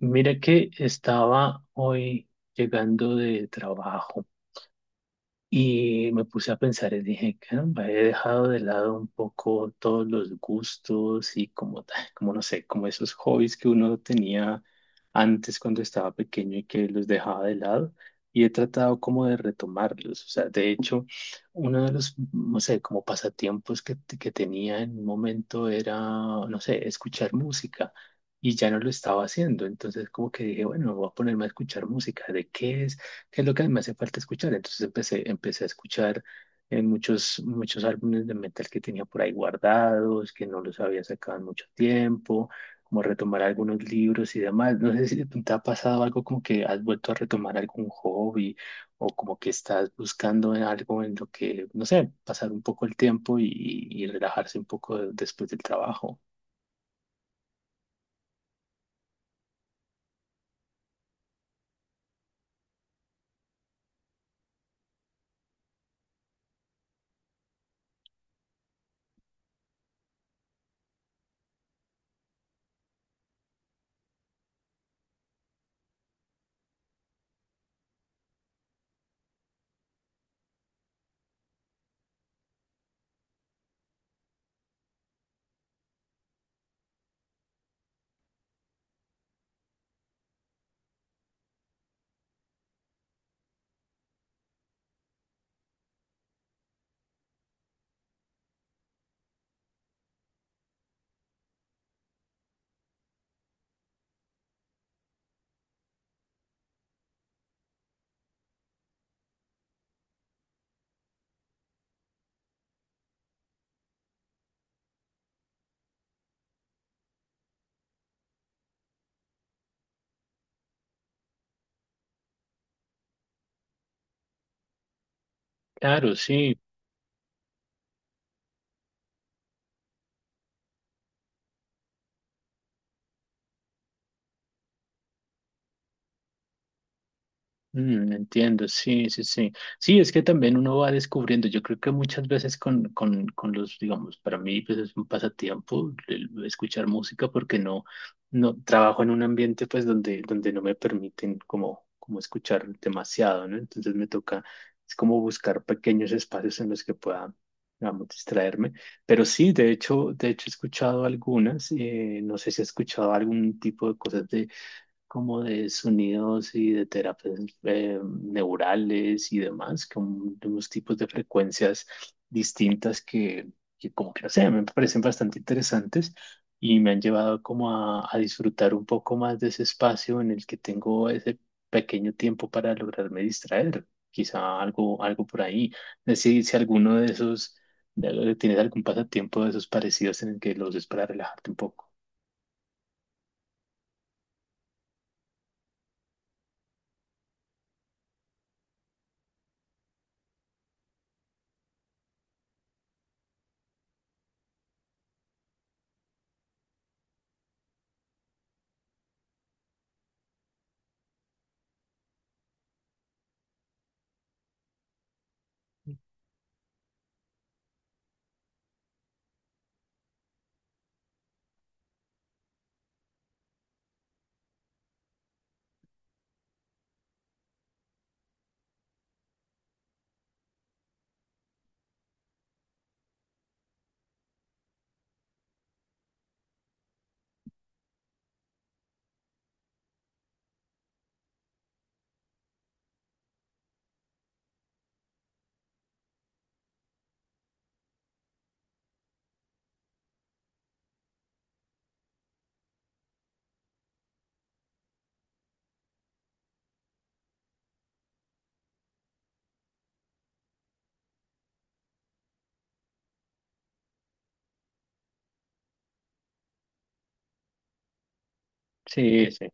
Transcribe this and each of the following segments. Mira que estaba hoy llegando de trabajo y me puse a pensar y dije, caramba, he dejado de lado un poco todos los gustos y como, como no sé, como esos hobbies que uno tenía antes cuando estaba pequeño y que los dejaba de lado. Y he tratado como de retomarlos. O sea, de hecho, uno de los, no sé, como pasatiempos que, que tenía en un momento era, no sé, escuchar música. Y ya no lo estaba haciendo. Entonces como que dije, bueno, voy a ponerme a escuchar música. ¿De qué es? Que es lo que me hace falta escuchar. Entonces empecé a escuchar en muchos álbumes de metal que tenía por ahí guardados, que no los había sacado en mucho tiempo, como retomar algunos libros y demás. No sé si te ha pasado algo como que has vuelto a retomar algún hobby o como que estás buscando en algo en lo que, no sé, pasar un poco el tiempo y relajarse un poco después del trabajo. Claro, sí. Mm, entiendo, sí, sí, sí. Sí, es que también uno va descubriendo, yo creo que muchas veces con los, digamos, para mí pues es un pasatiempo el escuchar música porque no, no trabajo en un ambiente pues donde, donde no me permiten como, como escuchar demasiado, ¿no? Entonces me toca, es como buscar pequeños espacios en los que pueda, digamos, distraerme. Pero sí, de hecho he escuchado algunas, no sé si he escuchado algún tipo de cosas como de sonidos y de terapias neurales y demás, como de unos tipos de frecuencias distintas que como que no sé, me parecen bastante interesantes y me han llevado como a disfrutar un poco más de ese espacio en el que tengo ese pequeño tiempo para lograrme distraer, quizá algo, algo por ahí. No sé Si, si alguno de esos, tienes algún pasatiempo de esos parecidos en el que los uses para relajarte un poco. Sí, sí.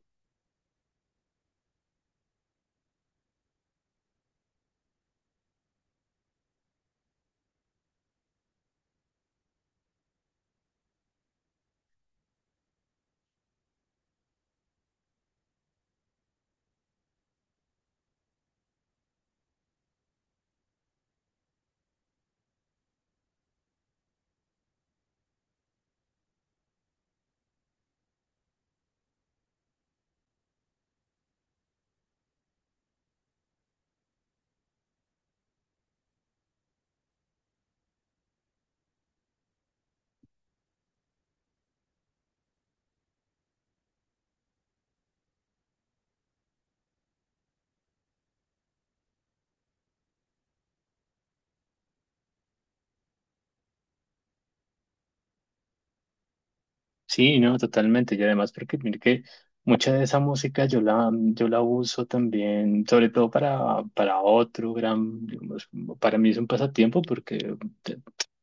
Sí, no, totalmente. Y además porque mire que mucha de esa música yo la, yo la uso también, sobre todo para otro gran, digamos, para mí es un pasatiempo porque te-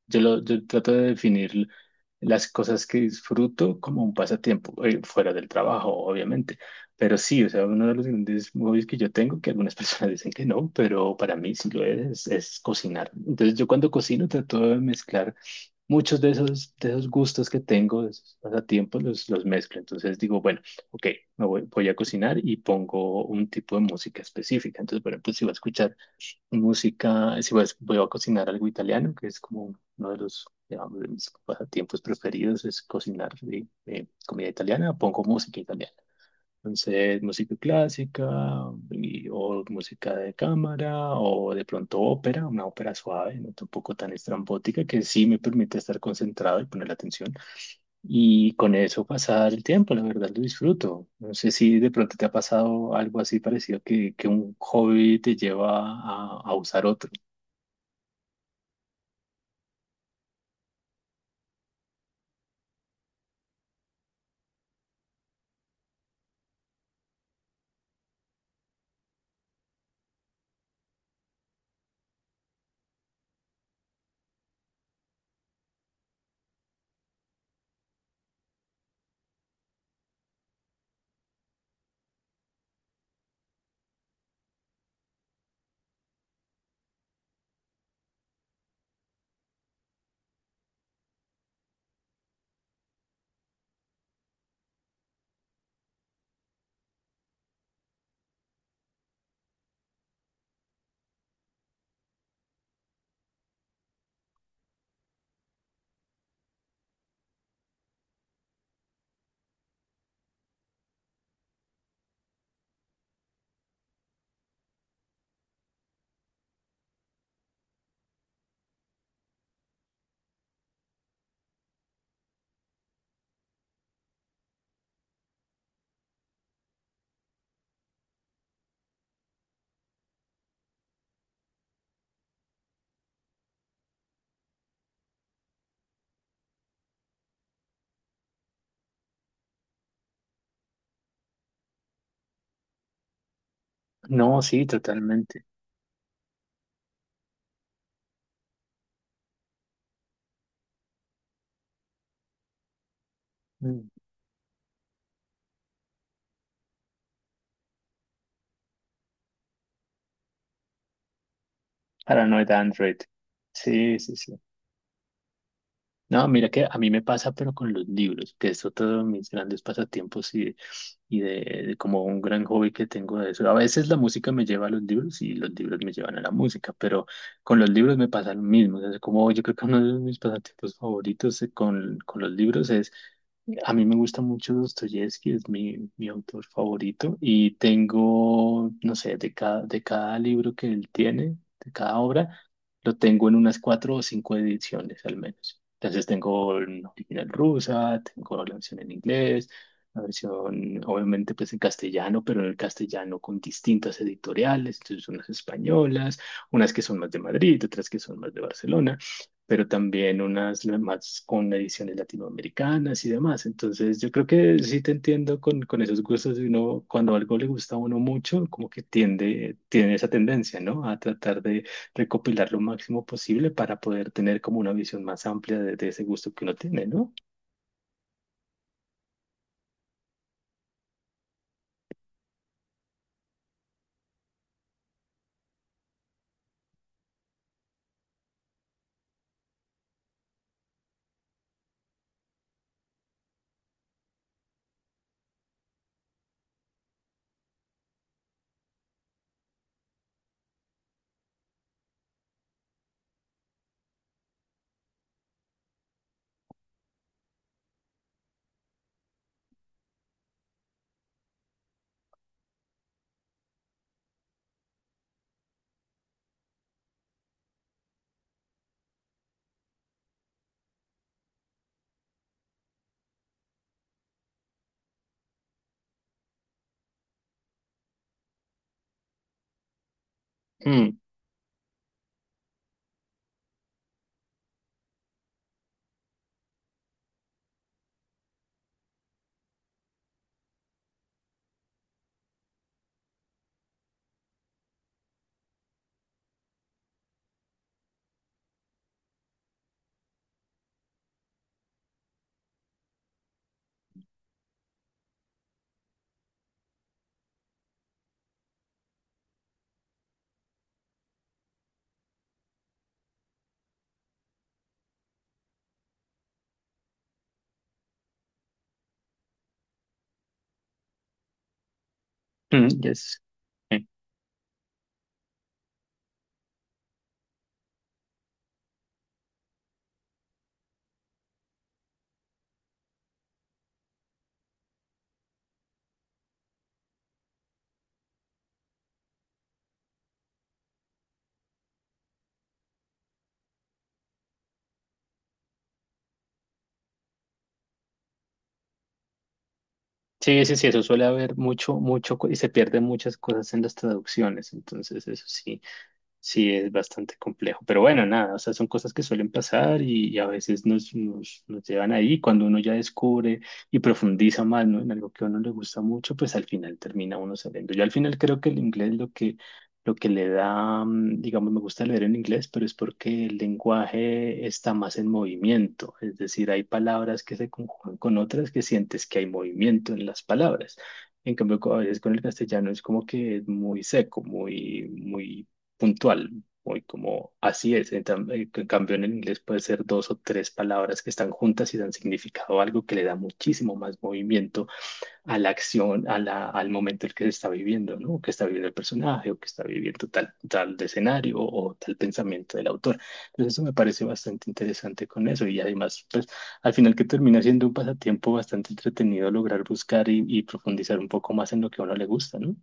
yo, lo, yo trato de definir las cosas que disfruto como un pasatiempo, fuera del trabajo, obviamente. Pero sí, o sea, uno de los grandes hobbies que yo tengo, que algunas personas dicen que no, pero para mí sí lo es cocinar. Entonces yo cuando cocino trato de mezclar muchos de esos gustos que tengo, de esos pasatiempos, los mezclo. Entonces digo, bueno, ok, me voy, voy a cocinar y pongo un tipo de música específica. Entonces, por ejemplo, si voy a escuchar música, si voy a, voy a cocinar algo italiano, que es como uno de los, digamos, de mis pasatiempos preferidos, es cocinar comida italiana, pongo música italiana. Entonces, música clásica o música de cámara o de pronto ópera, una ópera suave, no tampoco tan estrambótica, que sí me permite estar concentrado y poner la atención. Y con eso pasar el tiempo, la verdad lo disfruto. No sé si de pronto te ha pasado algo así parecido que un hobby te lleva a usar otro. No, sí, totalmente. Mm. Paranoid Android. Sí, sí, sí. No, mira que a mí me pasa, pero con los libros, que es otro de mis grandes pasatiempos y de como un gran hobby que tengo de eso. A veces la música me lleva a los libros y los libros me llevan a la música, pero con los libros me pasa lo mismo. O sea, es como yo creo que uno de mis pasatiempos favoritos con los libros es, a mí me gusta mucho Dostoyevsky, es mi, mi autor favorito y tengo, no sé, de cada libro que él tiene, de cada obra, lo tengo en unas cuatro o cinco ediciones al menos. Entonces tengo una original rusa, tengo la versión en inglés, la versión obviamente pues en castellano, pero en el castellano con distintas editoriales, entonces unas españolas, unas que son más de Madrid, otras que son más de Barcelona, pero también unas más con ediciones latinoamericanas y demás. Entonces yo creo que sí te entiendo con esos gustos de uno, cuando algo le gusta a uno mucho, como que tiende, tiene esa tendencia, ¿no? A tratar recopilar lo máximo posible para poder tener como una visión más amplia de ese gusto que uno tiene, ¿no? Mm, mm, yes. Eh, Sí, sí, sí, eso suele haber mucho, mucho, y se pierden muchas cosas en las traducciones, entonces eso sí. Sí, es bastante complejo, pero bueno, nada, o sea, son cosas que suelen pasar y a veces nos, nos llevan ahí. Cuando uno ya descubre y profundiza más, ¿no? en algo que a uno le gusta mucho, pues al final termina uno sabiendo. Yo al final creo que el inglés lo que le da, mm, digamos, me gusta leer en inglés, pero es porque el lenguaje está más en movimiento, es decir, hay palabras que se conjugan con otras que sientes que hay movimiento en las palabras. En cambio, a veces con el castellano es como que es muy seco, muy puntual, muy como así es. En cambio, en el inglés puede ser dos o tres palabras que están juntas y dan significado a algo que le da muchísimo más movimiento a la acción, a la, al momento en que se está viviendo, ¿no? Que está viviendo el personaje o que está viviendo tal, tal de escenario o tal pensamiento del autor. Entonces, eso me parece bastante interesante con eso y además, pues, al final que termina siendo un pasatiempo bastante entretenido lograr buscar y profundizar un poco más en lo que a uno le gusta, ¿no?